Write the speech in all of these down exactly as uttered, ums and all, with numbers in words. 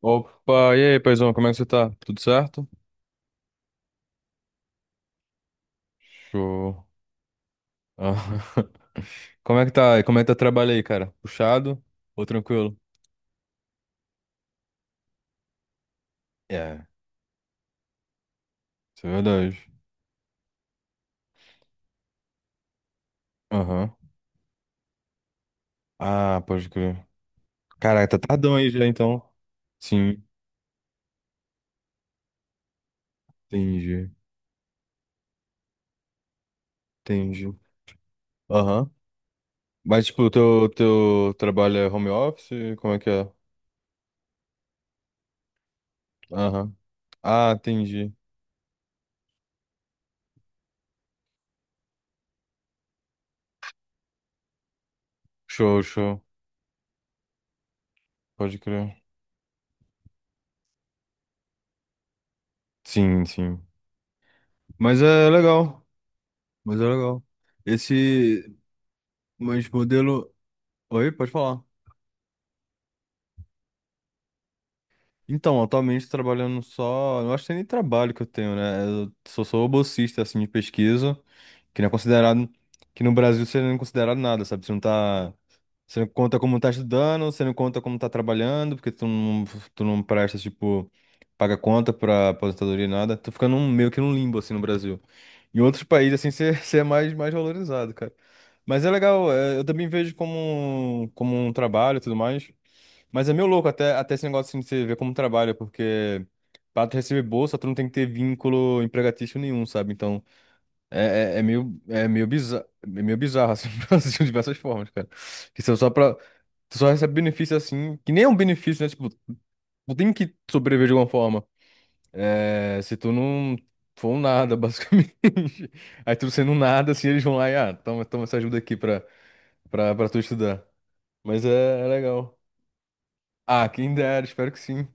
Opa, e aí, paizão, como é que você tá? Tudo certo? Show. Ah, Como é que tá? Como é que tá o trabalho aí, cara? Puxado ou tranquilo? É, isso é verdade. Aham. Ah, pode crer. Caraca, tá tardão aí já, então. Sim, entendi, entendi. Aham. Mas, tipo, o teu, teu trabalho é home office? Como é que é? Aham. Ah, entendi. Show, show. Pode crer. Sim, sim. Mas é legal. Mas é legal. Esse. Mas modelo. Oi, pode falar. Então, atualmente trabalhando só. Eu acho que nem trabalho que eu tenho, né? Eu sou, sou bolsista, assim, de pesquisa, que não é considerado. Que no Brasil você não é considerado nada, sabe? Você não tá. Você não conta como tá estudando, você não conta como tá trabalhando, porque tu não, tu não presta, tipo, paga conta pra aposentadoria e nada. Tô ficando um- meio que num limbo, assim, no Brasil. Em outros países, assim, você, você é mais, mais valorizado, cara. Mas é legal, é, eu também vejo como, como um trabalho e tudo mais. Mas é meio louco até, até esse negócio assim de você ver como trabalha, porque pra tu receber bolsa, tu não tem que ter vínculo empregatício nenhum, sabe? Então, é, é, é meio, é meio bizarro, é meio bizarro, assim, no Brasil, de diversas formas, cara. Que são só pra. Tu só recebe benefício, assim, que nem é um benefício, né? Tipo, tu tem que sobreviver de alguma forma. É, se tu não for um nada, basicamente. Aí tu sendo um nada, assim, eles vão lá e, ah, toma, toma essa ajuda aqui pra, pra, pra tu estudar. Mas é, é legal. Ah, quem dera, espero que sim.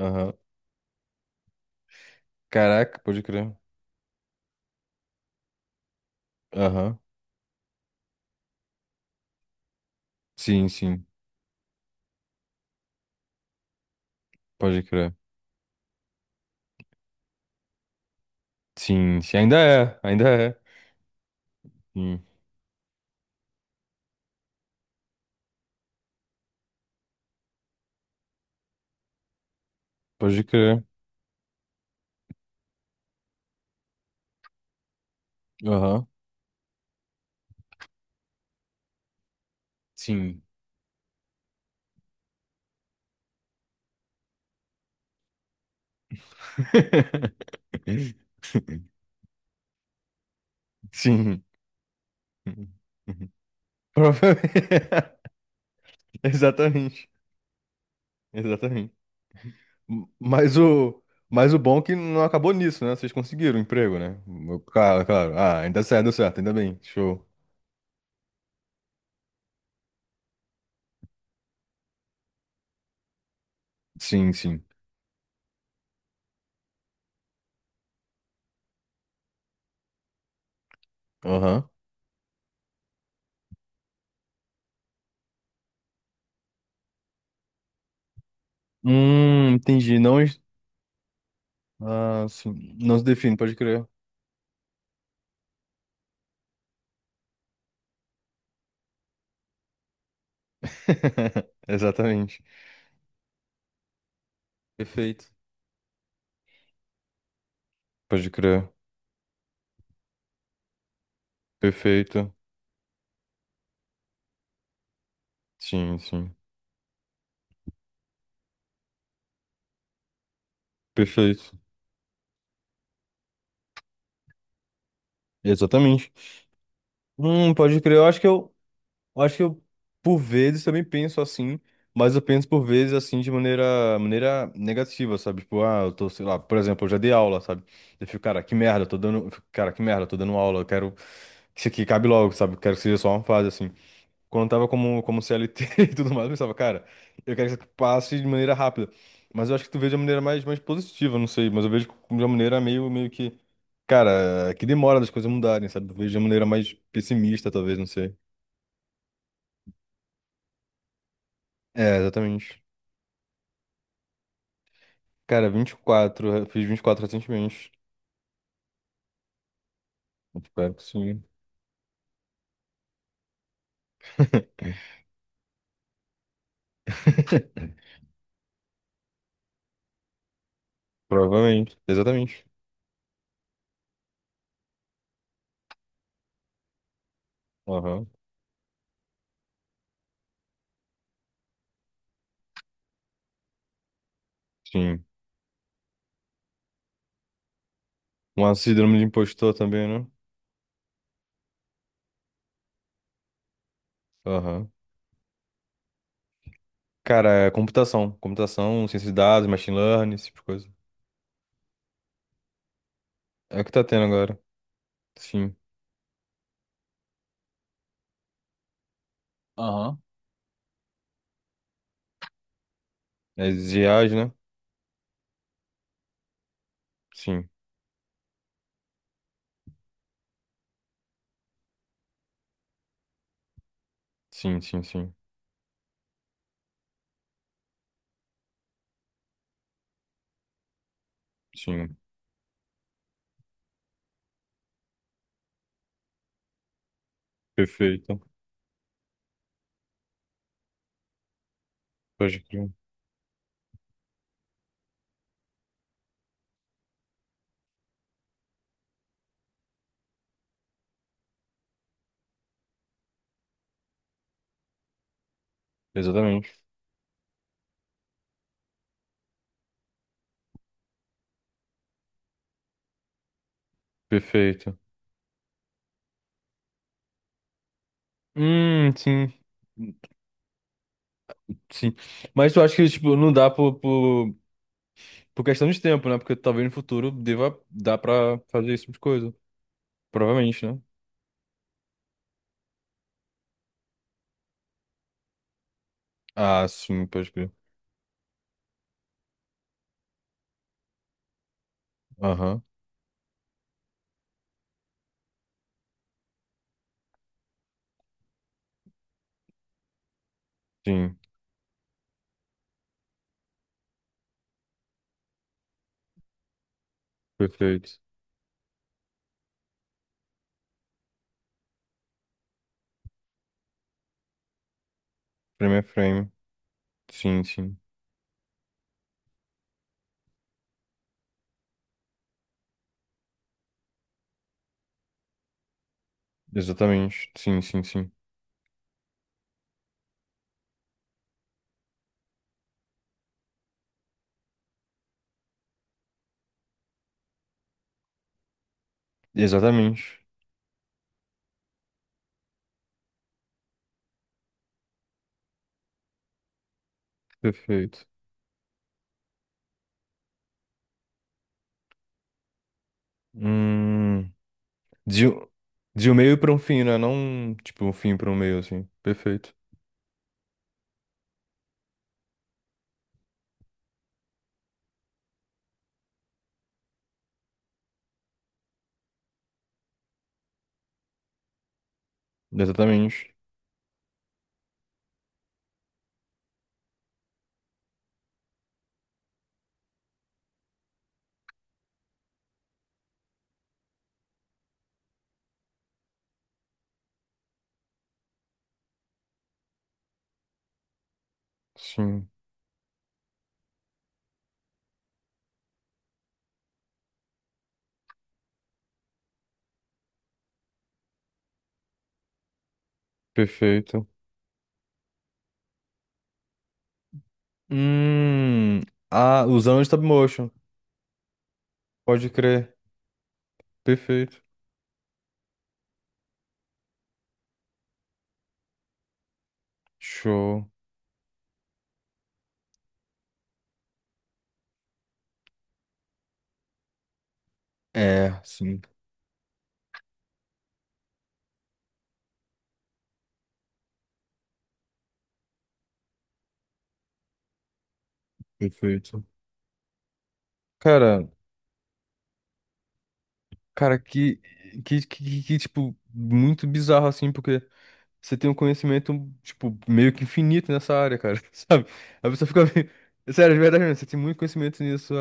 Aham. Caraca, pode crer. Aham. Sim, sim, pode crer. Sim, sim, ainda é, ainda é. Sim, pode crer. Aham. Sim. Sim. Provavelmente. Exatamente. Exatamente. M- Mas o, mas o bom é que não acabou nisso, né? Vocês conseguiram o emprego, né? Claro, claro. Ah, ainda certo, deu certo, ainda bem. Show. Sim, sim. Aham. Hum, entendi. Não. es- Ah, sim. Não se define, pode crer. Exatamente. Perfeito. Pode crer. Perfeito. Sim, sim. Perfeito. Exatamente. Hum, pode crer. Eu acho que eu, eu acho que eu, por vezes, também penso assim, mas eu penso por vezes assim de maneira, maneira negativa, sabe? Tipo, ah, eu tô, sei lá, por exemplo, eu já dei aula, sabe? Eu fico, cara, que merda, eu tô dando, eu fico, cara, que merda, eu tô dando aula, eu quero que isso aqui acabe logo, sabe? Eu quero que seja só uma fase, assim. Quando eu tava como, como C L T e tudo mais, eu pensava, cara, eu quero que isso aqui passe de maneira rápida. Mas eu acho que tu vê de uma maneira mais, mais positiva, não sei. Mas eu vejo de uma maneira meio, meio que. Cara, que demora das coisas mudarem, sabe? Eu vejo de uma maneira mais pessimista, talvez, não sei. É, exatamente. Cara, vinte e quatro, eu fiz vinte e quatro recentemente. Eu espero que sim. Provavelmente, exatamente. Aham, sim. Um síndrome de impostor também, né? Aham. Cara, é computação. Computação, ciência de dados, machine learning, esse tipo de coisa. É o que tá tendo agora. Sim. Aham. As I As, né? Sim. Sim, sim, sim. Sim. Perfeito. Pode crer. Exatamente. Perfeito. Hum, sim. Sim. Mas eu acho que, tipo, não dá por, por, por questão de tempo, né? Porque talvez no futuro deva dar pra fazer esse tipo de coisa. Provavelmente, né? Ah, sim, pode crer. Aham. Sim. Perfeito. Frame a frame. Sim, sim. Exatamente. Sim, sim, sim. Exatamente. Perfeito. Hum. De, um- de um meio para um fim, né? Não, um, tipo, um fim para um meio, assim. Perfeito. Exatamente. Sim, perfeito. Hum, ah, usando stop motion. Pode crer. Perfeito. Show. É, sim, perfeito. Cara, cara, que, que, que, que, que, tipo, muito bizarro, assim, porque você tem um conhecimento, tipo, meio que infinito nessa área, cara, sabe? A pessoa fica meio. Sério, de verdade mesmo, você tem muito conhecimento nisso.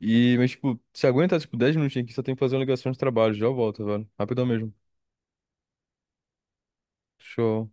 E, mas, tipo, se aguenta, tipo, dez minutinhos aqui, só tenho que fazer uma ligação de trabalho. Já eu volto, velho. Rapidão mesmo. Show.